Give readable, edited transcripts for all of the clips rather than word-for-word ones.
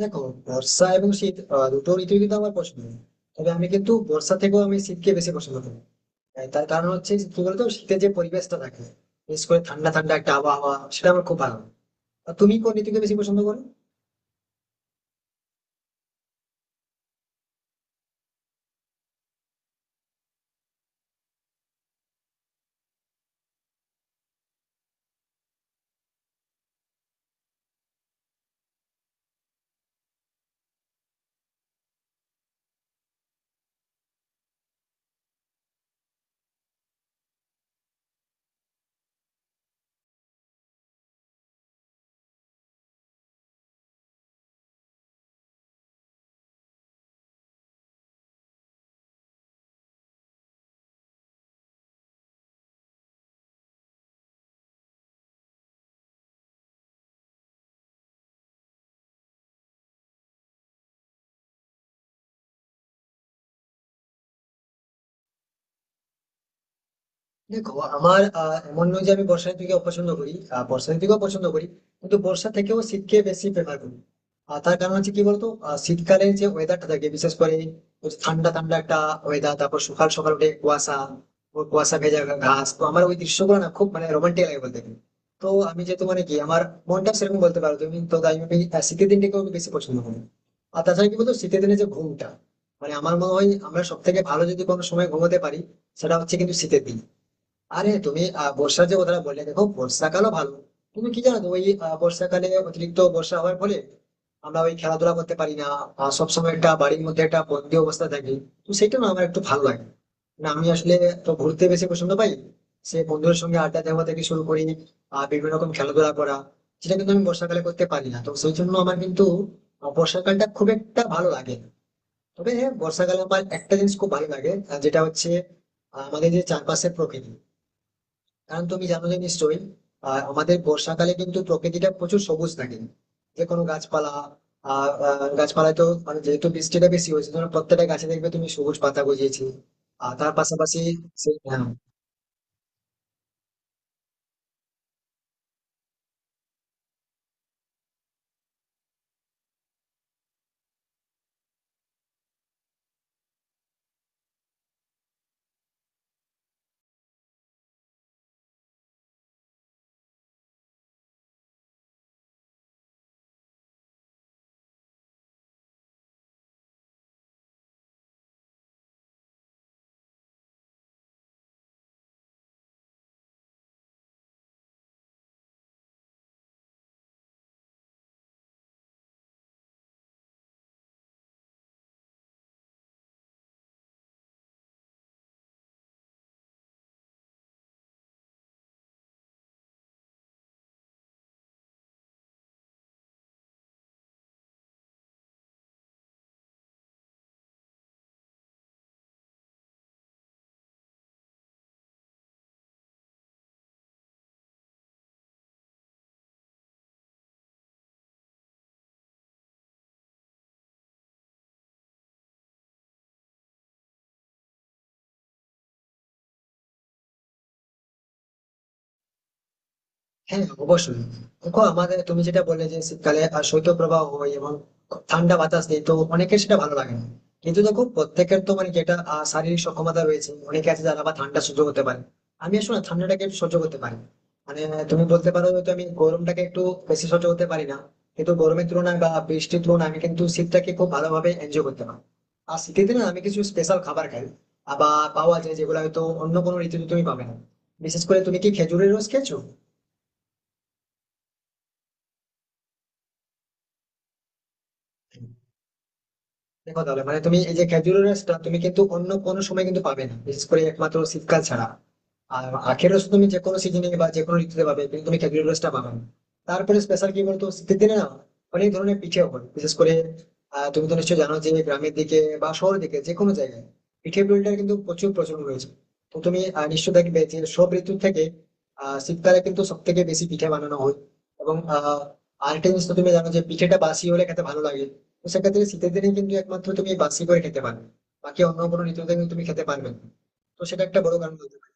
দেখো, বর্ষা এবং শীত দুটো ঋতুই কিন্তু আমার পছন্দ। তবে আমি কিন্তু বর্ষা থেকেও আমি শীতকে বেশি পছন্দ করি। তার কারণ হচ্ছে কি বলতো, শীতের যে পরিবেশটা থাকে, বিশেষ করে ঠান্ডা ঠান্ডা একটা আবহাওয়া, সেটা আমার খুব ভালো লাগে। আর তুমি কোন ঋতুকে বেশি পছন্দ করো? দেখো, আমার এমন নয় যে আমি বর্ষা ঋতুকে অপছন্দ করি, বর্ষা ঋতুকেও পছন্দ করি, কিন্তু বর্ষা থেকেও শীতকে বেশি প্রেফার করি। আর তার কারণ হচ্ছে কি বলতো, শীতকালে যে ওয়েদারটা থাকে, বিশেষ করে ওই ঠান্ডা ঠান্ডা একটা ওয়েদার, তারপর সকাল সকাল উঠে কুয়াশা ও কুয়াশা ভেজা ঘাস, তো আমার ওই দৃশ্যগুলো না খুব মানে রোমান্টিক লাগে বলতে গেলে। তো আমি যেহেতু মানে কি আমার মনটা সেরকম বলতে পারো তুমি, তো তাই আমি শীতের দিনটাকে আমি বেশি পছন্দ করি। আর তাছাড়া কি বলতো, শীতের দিনে যে ঘুমটা, মানে আমার মনে হয় আমরা সব থেকে ভালো যদি কোনো সময় ঘুমোতে পারি, সেটা হচ্ছে কিন্তু শীতের দিন। আরে তুমি বর্ষার যে কথাটা বললে, দেখো বর্ষাকালও ভালো। তুমি কি জানো তো ওই বর্ষাকালে অতিরিক্ত বর্ষা হওয়ার ফলে আমরা ওই খেলাধুলা করতে পারি না, সবসময় একটা বাড়ির মধ্যে একটা বন্দি অবস্থা থাকি। তো সেটা না আমার একটু ভালো লাগে না। আমি আসলে তো ঘুরতে বেশি পছন্দ পাই, সে বন্ধুদের সঙ্গে আড্ডা দেওয়া থেকে শুরু করি বিভিন্ন রকম খেলাধুলা করা, সেটা কিন্তু আমি বর্ষাকালে করতে পারি না, তো সেই জন্য আমার কিন্তু বর্ষাকালটা খুব একটা ভালো লাগে না। তবে হ্যাঁ, বর্ষাকালে আমার একটা জিনিস খুব ভালো লাগে, যেটা হচ্ছে আমাদের যে চারপাশের প্রকৃতি। কারণ তুমি জানো যে নিশ্চয়ই, আমাদের বর্ষাকালে কিন্তু প্রকৃতিটা প্রচুর সবুজ থাকে, যে কোনো গাছপালা, আহ আহ, গাছপালায় তো মানে যেহেতু বৃষ্টিটা বেশি হয়েছে, ধরো প্রত্যেকটা গাছে দেখবে তুমি সবুজ পাতা গজিয়েছে। আর তার পাশাপাশি সেই, হ্যাঁ। হ্যাঁ, অবশ্যই। দেখো, আমাদের তুমি যেটা বললে যে শীতকালে শৈত্যপ্রবাহ হয় এবং খুব ঠান্ডা বাতাস নেই, তো অনেকের সেটা ভালো লাগে না। কিন্তু দেখো প্রত্যেকের তো মানে যেটা শারীরিক সক্ষমতা রয়েছে, অনেকে আছে যারা আবার ঠান্ডা সহ্য করতে পারে। আমি আসলে ঠান্ডাটাকে একটু সহ্য করতে পারি, মানে তুমি বলতে পারো হয়তো আমি গরমটাকে একটু বেশি সহ্য করতে পারি না। কিন্তু গরমের তুলনায় বা বৃষ্টির তুলনায় আমি কিন্তু শীতটাকে খুব ভালোভাবে এনজয় করতে পারি। আর শীতের দিনে আমি কিছু স্পেশাল খাবার খাই, আবার পাওয়া যায় যেগুলো হয়তো অন্য কোনো ঋতুতে তুমি পাবে না। বিশেষ করে তুমি কি খেজুরের রস খেয়েছো? দেখো তাহলে, মানে তুমি এই যে খেজুরের রসটা তুমি কিন্তু অন্য কোনো সময় কিন্তু পাবে না, বিশেষ করে একমাত্র শীতকাল ছাড়া। আর আখের রস তুমি যে কোনো সিজনে বা যে কোনো ঋতুতে পাবে, কিন্তু তুমি খেজুরের রসটা পাবে না। তারপরে স্পেশাল কি বলতো, শীতের দিনে না অনেক ধরনের পিঠে হয়, বিশেষ করে তুমি তো নিশ্চয়ই জানো যে গ্রামের দিকে বা শহরের দিকে যে কোনো জায়গায় পিঠে পুলিটার কিন্তু প্রচুর প্রচলন রয়েছে। তো তুমি নিশ্চয়ই দেখবে যে সব ঋতু থেকে শীতকালে কিন্তু সব থেকে বেশি পিঠে বানানো হয়। এবং আরেকটা জিনিস তো তুমি জানো যে পিঠেটা বাসি হলে খেতে ভালো লাগে, তো সেক্ষেত্রে শীতের দিনে কিন্তু একমাত্র তুমি বাসি করে খেতে পারবে, বাকি অন্য কোনো ঋতুতে কিন্তু তুমি খেতে পারবে না। তো সেটা একটা বড় কারণ হতে পারে।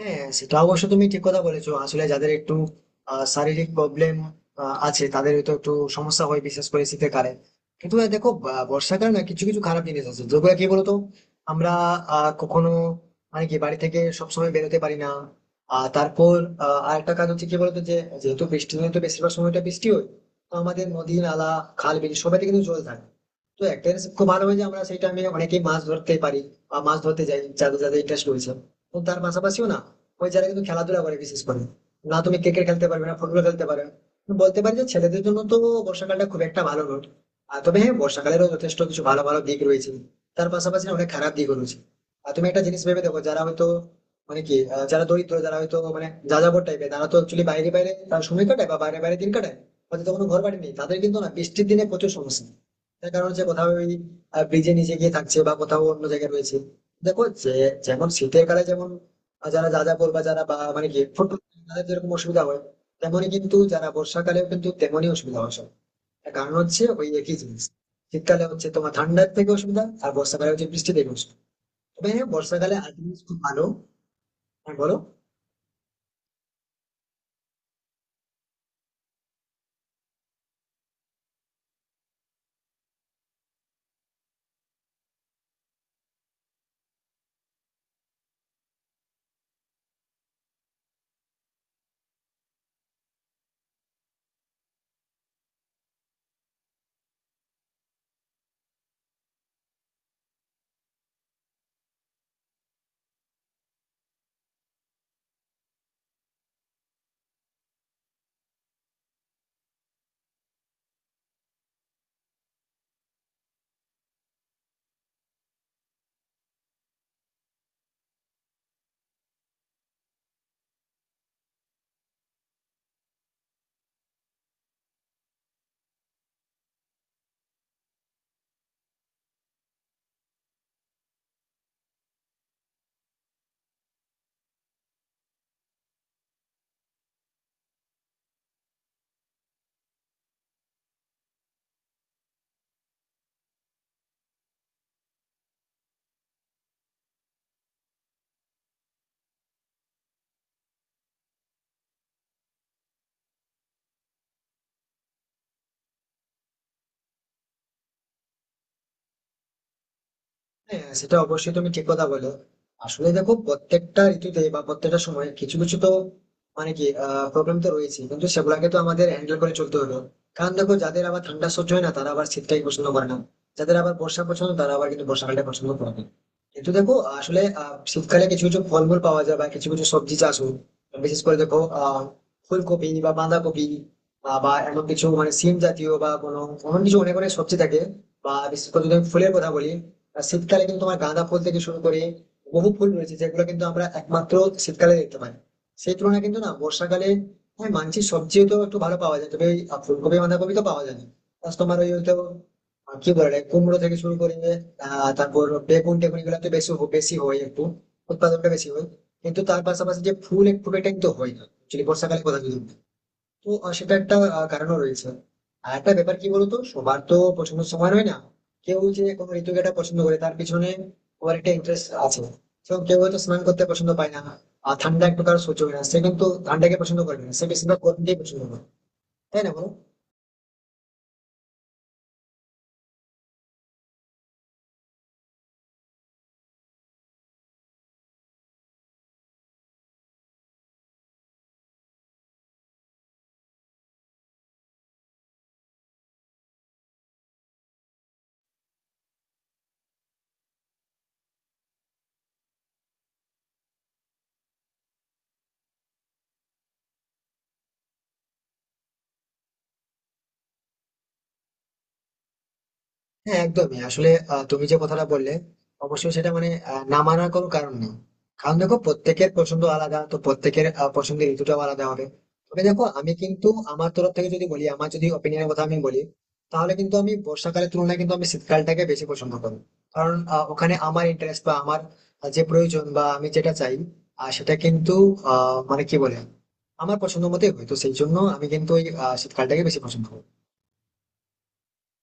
হ্যাঁ, সেটা অবশ্য তুমি ঠিক কথা বলেছো। আসলে যাদের একটু শারীরিক প্রবলেম আছে তাদের তো একটু সমস্যা হয়, বিশেষ করে শীতের কালে। কিন্তু দেখো, বর্ষাকালে না কিছু কিছু খারাপ জিনিস আছে, যেগুলো কি বলতো আমরা কখনো মানে কি বাড়ি থেকে সবসময় বেরোতে পারি না। আর তারপর আরেকটা কাজ হচ্ছে কি বলতো যে যেহেতু বৃষ্টি দিনে তো বেশিরভাগ সময়টা বৃষ্টি হয়, তো আমাদের নদী নালা খাল বিল সবাইতে কিন্তু জল থাকে। তো একটা জিনিস খুব ভালো হয়েছে, আমরা সেটা আমি অনেকেই মাছ ধরতে পারি বা মাছ ধরতে যাই, যাদের যাদের ইন্টারেস্ট রয়েছে। তো তার পাশাপাশিও না ওই যারা কিন্তু খেলাধুলা করে, বিশেষ করে না তুমি ক্রিকেট খেলতে পারবে না, ফুটবল খেলতে পারবে না। তো বলতে পারি যে ছেলেদের জন্য তো বর্ষাকালটা খুব একটা ভালো নয়। আর তবে হ্যাঁ, বর্ষাকালেরও যথেষ্ট কিছু ভালো ভালো দিক রয়েছে, তার পাশাপাশি না অনেক খারাপ দিকও রয়েছে। আর তুমি একটা জিনিস ভেবে দেখো, যারা হয়তো মানে কি যারা দরিদ্র, যারা হয়তো মানে যাযাবর টাইপের, তারা তো অ্যাকচুয়ালি বাইরে বাইরে তারা সময় কাটায় বা বাইরে বাইরে দিন কাটায়, হয়তো তখন ঘর বাড়ি নেই তাদের, কিন্তু না বৃষ্টির দিনে প্রচুর সমস্যা। তার কারণ হচ্ছে কোথাও ওই ব্রিজের নিচে গিয়ে থাকছে বা কোথাও অন্য জায়গায় রয়েছে। দেখো যে যেমন শীতের কালে যেমন যারা যা যা করবা যারা বা মানে কি ফুটবল, তাদের যেরকম অসুবিধা হয়, তেমনি কিন্তু যারা বর্ষাকালেও কিন্তু তেমনই অসুবিধা হয় সব। তার কারণ হচ্ছে ওই একই জিনিস, শীতকালে হচ্ছে তোমার ঠান্ডার থেকে অসুবিধা, আর বর্ষাকালে হচ্ছে বৃষ্টি থেকে অসুবিধা। তবে হ্যাঁ, বর্ষাকালে আর জিনিস খুব ভালো। হ্যাঁ, বলো। হ্যাঁ, সেটা অবশ্যই তুমি ঠিক কথা বলো। আসলে দেখো প্রত্যেকটা ঋতুতে বা প্রত্যেকটা সময় কিছু কিছু তো মানে কি প্রবলেম তো রয়েছে, কিন্তু সেগুলাকে তো আমাদের হ্যান্ডেল করে চলতে হলো। কারণ দেখো, যাদের আবার ঠান্ডা সহ্য হয় না তারা আবার শীতটাই পছন্দ করে না, যাদের আবার বর্ষা পছন্দ তারা আবার কিন্তু বর্ষাকালটা পছন্দ করে না। কিন্তু দেখো, আসলে শীতকালে কিছু কিছু ফলমূল পাওয়া যায় বা কিছু কিছু সবজি চাষ হয়, বিশেষ করে দেখো, ফুলকপি বা বাঁধাকপি, বা এমন কিছু মানে সিম জাতীয় বা কোনো এমন কিছু অনেক অনেক সবজি থাকে। বা বিশেষ করে যদি আমি ফুলের কথা বলি, আর শীতকালে কিন্তু তোমার গাঁদা ফুল থেকে শুরু করে বহু ফুল রয়েছে, যেগুলো কিন্তু আমরা একমাত্র শীতকালে দেখতে পাই। সেই তুলনায় কিন্তু না বর্ষাকালে, হ্যাঁ মানছি সবজিও তো একটু ভালো পাওয়া যায়, তবে ওই ফুলকপি বাঁধাকপি তো পাওয়া যায় না। Plus তোমার ওই হয়তো কি বলে ওটাকে, কুমড়ো থেকে শুরু করে তারপর বেগুন টেগুন, এগুলো তো বেশি বেশি হয় একটু, উৎপাদনটা বেশি হয়। কিন্তু তার পাশাপাশি যে ফুল এক ফুল এটা কিন্তু হয় না, যদি বর্ষাকালে কথা যদি বলি। তো সেটা একটা কারণও রয়েছে। আর একটা ব্যাপার কি বলতো, সবার তো পছন্দের সময় হয় না। কেউ যে কোনো ঋতুকে একটা পছন্দ করে, তার পিছনে ওর একটা ইন্টারেস্ট আছে। তো কেউ হয়তো স্নান করতে পছন্দ পায় না আর ঠান্ডা এক প্রকার সহ্য করে না, সে কিন্তু ঠান্ডাকে পছন্দ করে না, সে বেশিরভাগ গরমকেই পছন্দ করে, তাই না বলো? হ্যাঁ, একদমই। আসলে তুমি যে কথাটা বললে, অবশ্যই সেটা মানে না মানার কোনো কারণ নেই। কারণ দেখো, প্রত্যেকের পছন্দ আলাদা, তো প্রত্যেকের পছন্দের ঋতুটাও আলাদা হবে। তবে দেখো, আমি কিন্তু আমার তরফ থেকে যদি বলি, আমার যদি ওপিনিয়নের কথা আমি বলি, তাহলে কিন্তু আমি বর্ষাকালের তুলনায় কিন্তু আমি শীতকালটাকে বেশি পছন্দ করি। কারণ ওখানে আমার ইন্টারেস্ট বা আমার যে প্রয়োজন বা আমি যেটা চাই, আর সেটা কিন্তু মানে কি বলে আমার পছন্দ মতোই হয়, তো সেই জন্য আমি কিন্তু ওই শীতকালটাকে বেশি পছন্দ করি।